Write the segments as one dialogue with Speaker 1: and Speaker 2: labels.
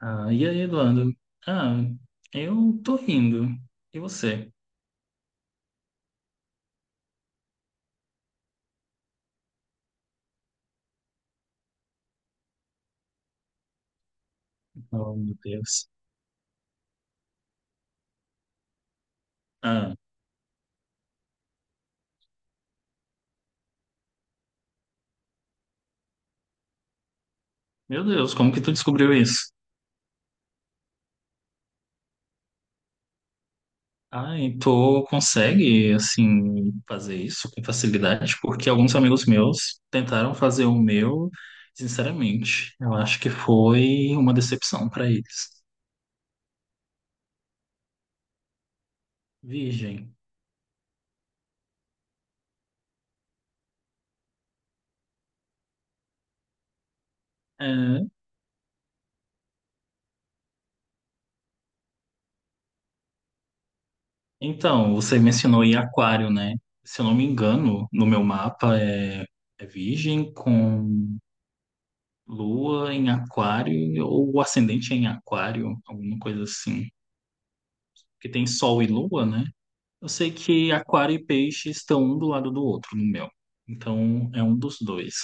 Speaker 1: Ah, e aí, Eduardo? Ah, eu tô rindo. E você? Oh, meu Deus. Ah, meu Deus, como que tu descobriu isso? Ah, e tu consegue, assim, fazer isso com facilidade? Porque alguns amigos meus tentaram fazer o meu, sinceramente, eu acho que foi uma decepção para eles. Virgem. É, então, você mencionou em Aquário, né? Se eu não me engano, no meu mapa é Virgem com Lua em Aquário, ou ascendente em Aquário, alguma coisa assim. Porque tem Sol e Lua, né? Eu sei que Aquário e Peixe estão um do lado do outro no meu. Então, é um dos dois.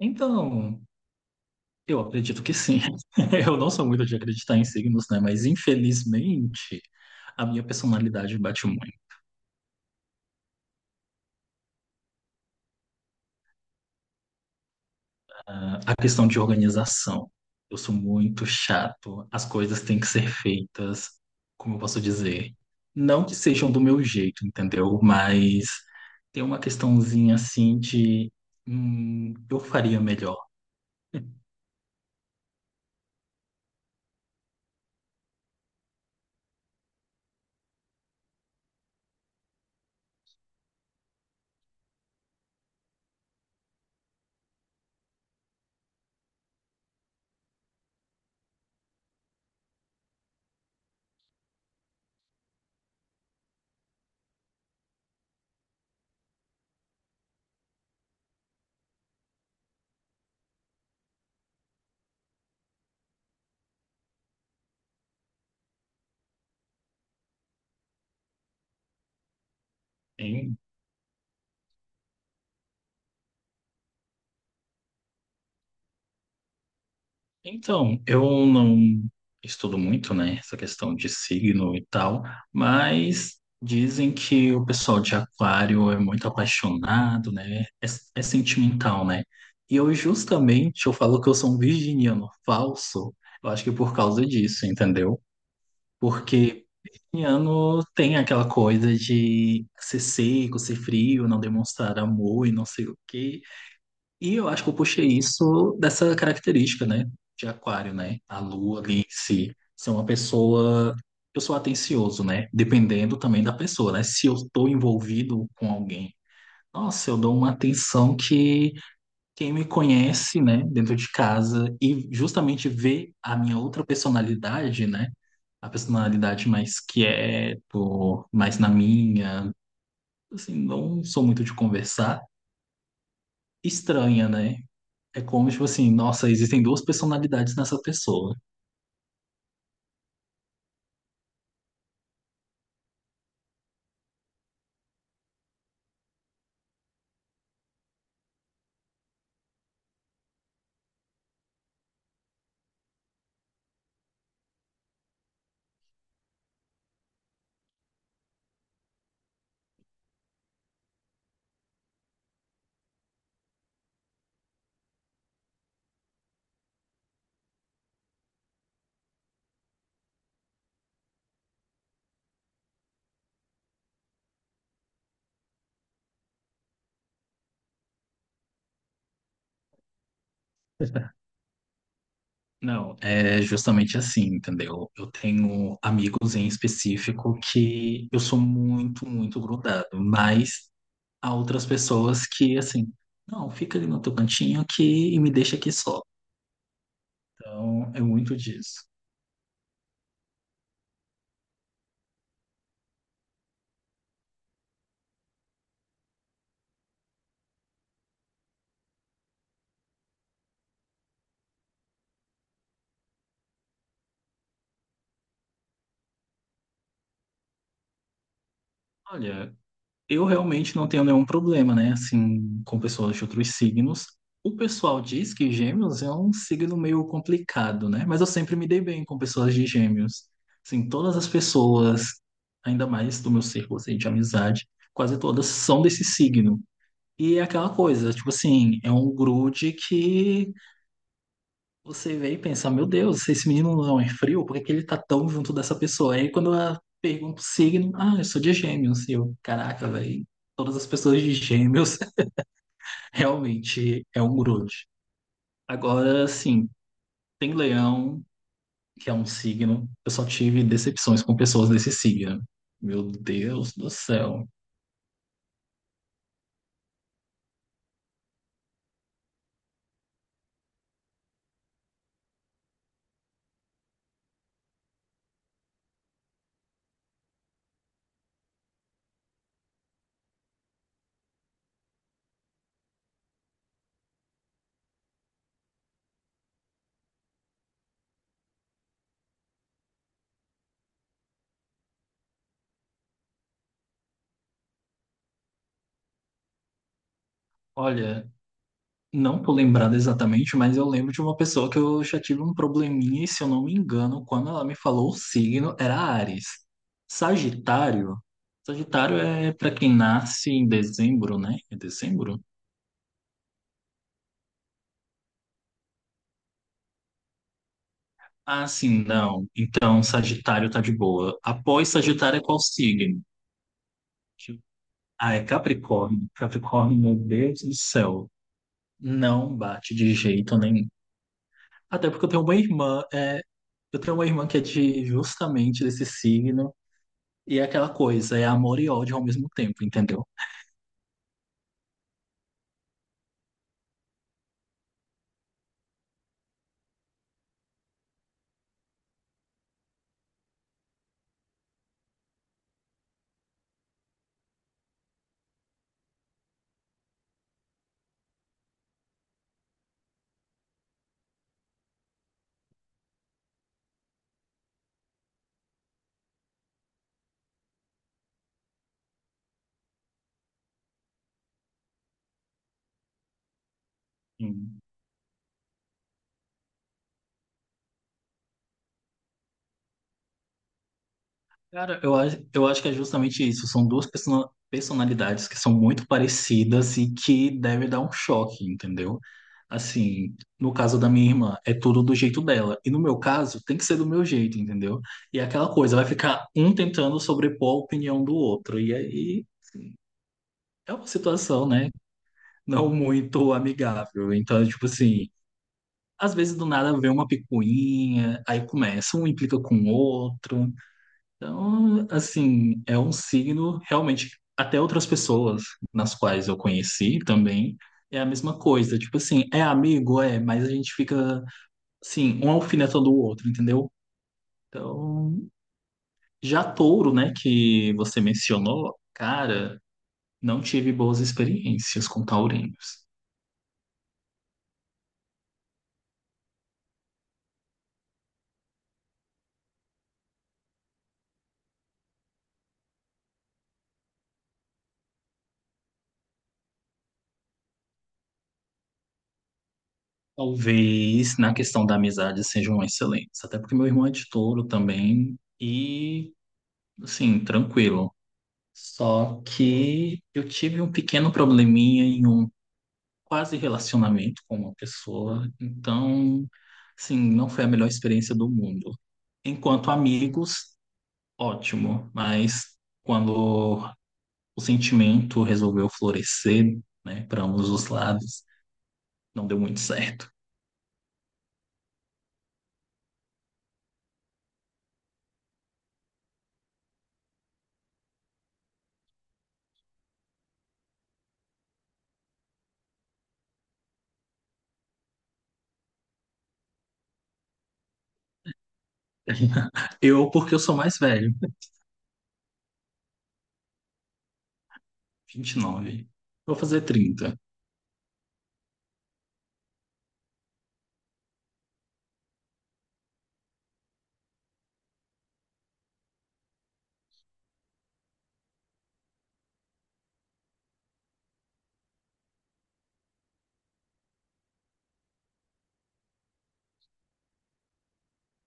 Speaker 1: Então, eu acredito que sim. Eu não sou muito de acreditar em signos, né? Mas, infelizmente, a minha personalidade bate muito. Ah, a questão de organização. Eu sou muito chato. As coisas têm que ser feitas, como eu posso dizer, não que sejam do meu jeito, entendeu? Mas tem uma questãozinha assim de, eu faria melhor. Então, eu não estudo muito, né, essa questão de signo e tal, mas dizem que o pessoal de Aquário é muito apaixonado, né, é sentimental, né? E eu justamente, eu falo que eu sou um virginiano falso, eu acho que por causa disso, entendeu? Porque virginiano tem aquela coisa de ser seco, ser frio, não demonstrar amor e não sei o quê. E eu acho que eu puxei isso dessa característica, né? De aquário, né? A lua ali em si. Ser uma pessoa. Eu sou atencioso, né? Dependendo também da pessoa, né? Se eu estou envolvido com alguém, nossa, eu dou uma atenção que quem me conhece, né? Dentro de casa e justamente vê a minha outra personalidade, né? A personalidade mais quieto, mais na minha. Assim, não sou muito de conversar. Estranha, né? É como, tipo assim, nossa, existem duas personalidades nessa pessoa. Não, é justamente assim, entendeu? Eu tenho amigos em específico que eu sou muito, muito grudado, mas há outras pessoas que, assim, não, fica ali no teu cantinho aqui e me deixa aqui só. Então, é muito disso. Olha, eu realmente não tenho nenhum problema, né? Assim, com pessoas de outros signos. O pessoal diz que gêmeos é um signo meio complicado, né? Mas eu sempre me dei bem com pessoas de gêmeos. Assim, todas as pessoas, ainda mais do meu círculo assim, de amizade, quase todas são desse signo. E é aquela coisa, tipo assim, é um grude que você vê e pensa, meu Deus, esse menino não é frio, por que que ele tá tão junto dessa pessoa? Aí quando eu pergunto o signo, ah, eu sou de gêmeos, e eu, caraca, velho, todas as pessoas de gêmeos realmente é um grude. Agora, sim, tem leão, que é um signo, eu só tive decepções com pessoas desse signo. Meu Deus do céu. Olha, não tô lembrado exatamente, mas eu lembro de uma pessoa que eu já tive um probleminha, e se eu não me engano, quando ela me falou o signo, era Áries. Sagitário. Sagitário é para quem nasce em dezembro, né? É dezembro? Ah, sim, não. Então, Sagitário tá de boa. Após Sagitário é qual signo? Deixa eu- Ah, é Capricórnio. Capricórnio, meu Deus do céu. Não bate de jeito nenhum. Até porque eu tenho uma irmã, eu tenho uma irmã que é de justamente desse signo. E é aquela coisa, é amor e ódio ao mesmo tempo, entendeu? Sim. Cara, eu acho que é justamente isso. São duas personalidades que são muito parecidas e que deve dar um choque, entendeu? Assim, no caso da minha irmã, é tudo do jeito dela. E no meu caso, tem que ser do meu jeito, entendeu? E é aquela coisa, vai ficar um tentando sobrepor a opinião do outro. E aí é uma situação, né? Não muito amigável. Então, tipo assim. Às vezes do nada vem uma picuinha, aí começa, um implica com o outro. Então, assim, é um signo realmente. Até outras pessoas nas quais eu conheci também é a mesma coisa. Tipo assim, é amigo, é, mas a gente fica, assim, um alfinetando o outro, entendeu? Então, já touro, né, que você mencionou, cara, não tive boas experiências com taurinos. Talvez na questão da amizade sejam excelentes, até porque meu irmão é de touro também e, assim, tranquilo. Só que eu tive um pequeno probleminha em um quase relacionamento com uma pessoa, então, assim, não foi a melhor experiência do mundo. Enquanto amigos, ótimo, mas quando o sentimento resolveu florescer, né, para ambos os lados, não deu muito certo. Eu, porque eu sou mais velho. 29. Vou fazer 30.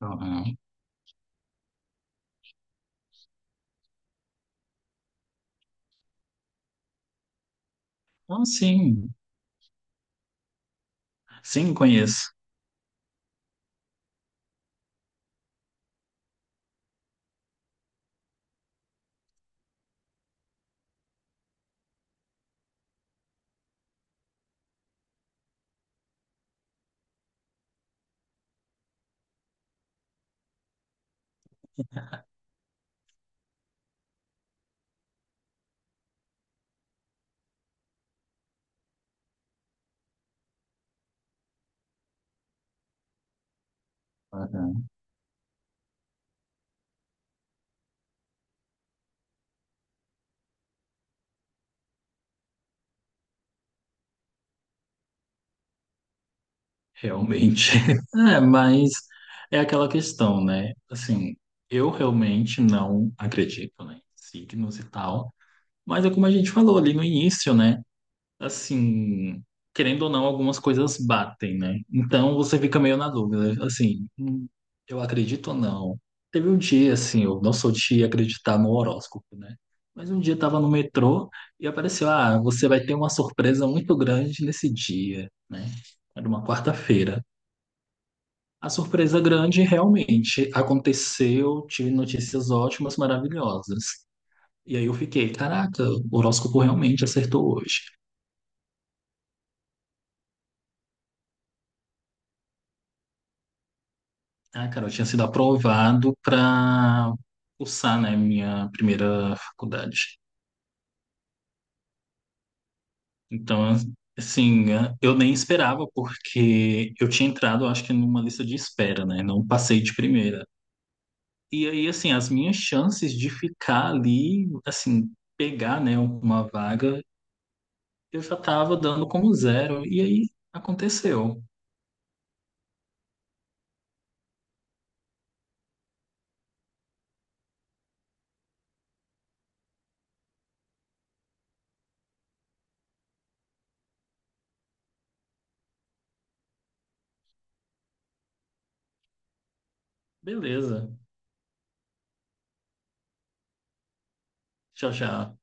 Speaker 1: Aham. Ah, sim. Sim, conheço. Aham. Realmente. É, mas é aquela questão, né? Assim, eu realmente não acredito, né, em signos e tal. Mas é como a gente falou ali no início, né? Assim, querendo ou não, algumas coisas batem, né? Então você fica meio na dúvida, assim, eu acredito ou não? Teve um dia, assim, eu não sou de acreditar no horóscopo, né? Mas um dia eu tava no metrô e apareceu, ah, você vai ter uma surpresa muito grande nesse dia, né? Era uma quarta-feira. A surpresa grande realmente aconteceu, tive notícias ótimas, maravilhosas. E aí eu fiquei, caraca, o horóscopo realmente acertou hoje. Ah, cara, eu tinha sido aprovado para cursar, né, minha primeira faculdade. Então, assim, né, eu nem esperava, porque eu tinha entrado, acho que numa lista de espera, né, não passei de primeira. E aí, assim, as minhas chances de ficar ali, assim, pegar, né, uma vaga, eu já estava dando como zero. E aí, aconteceu. Beleza. Tchau, tchau.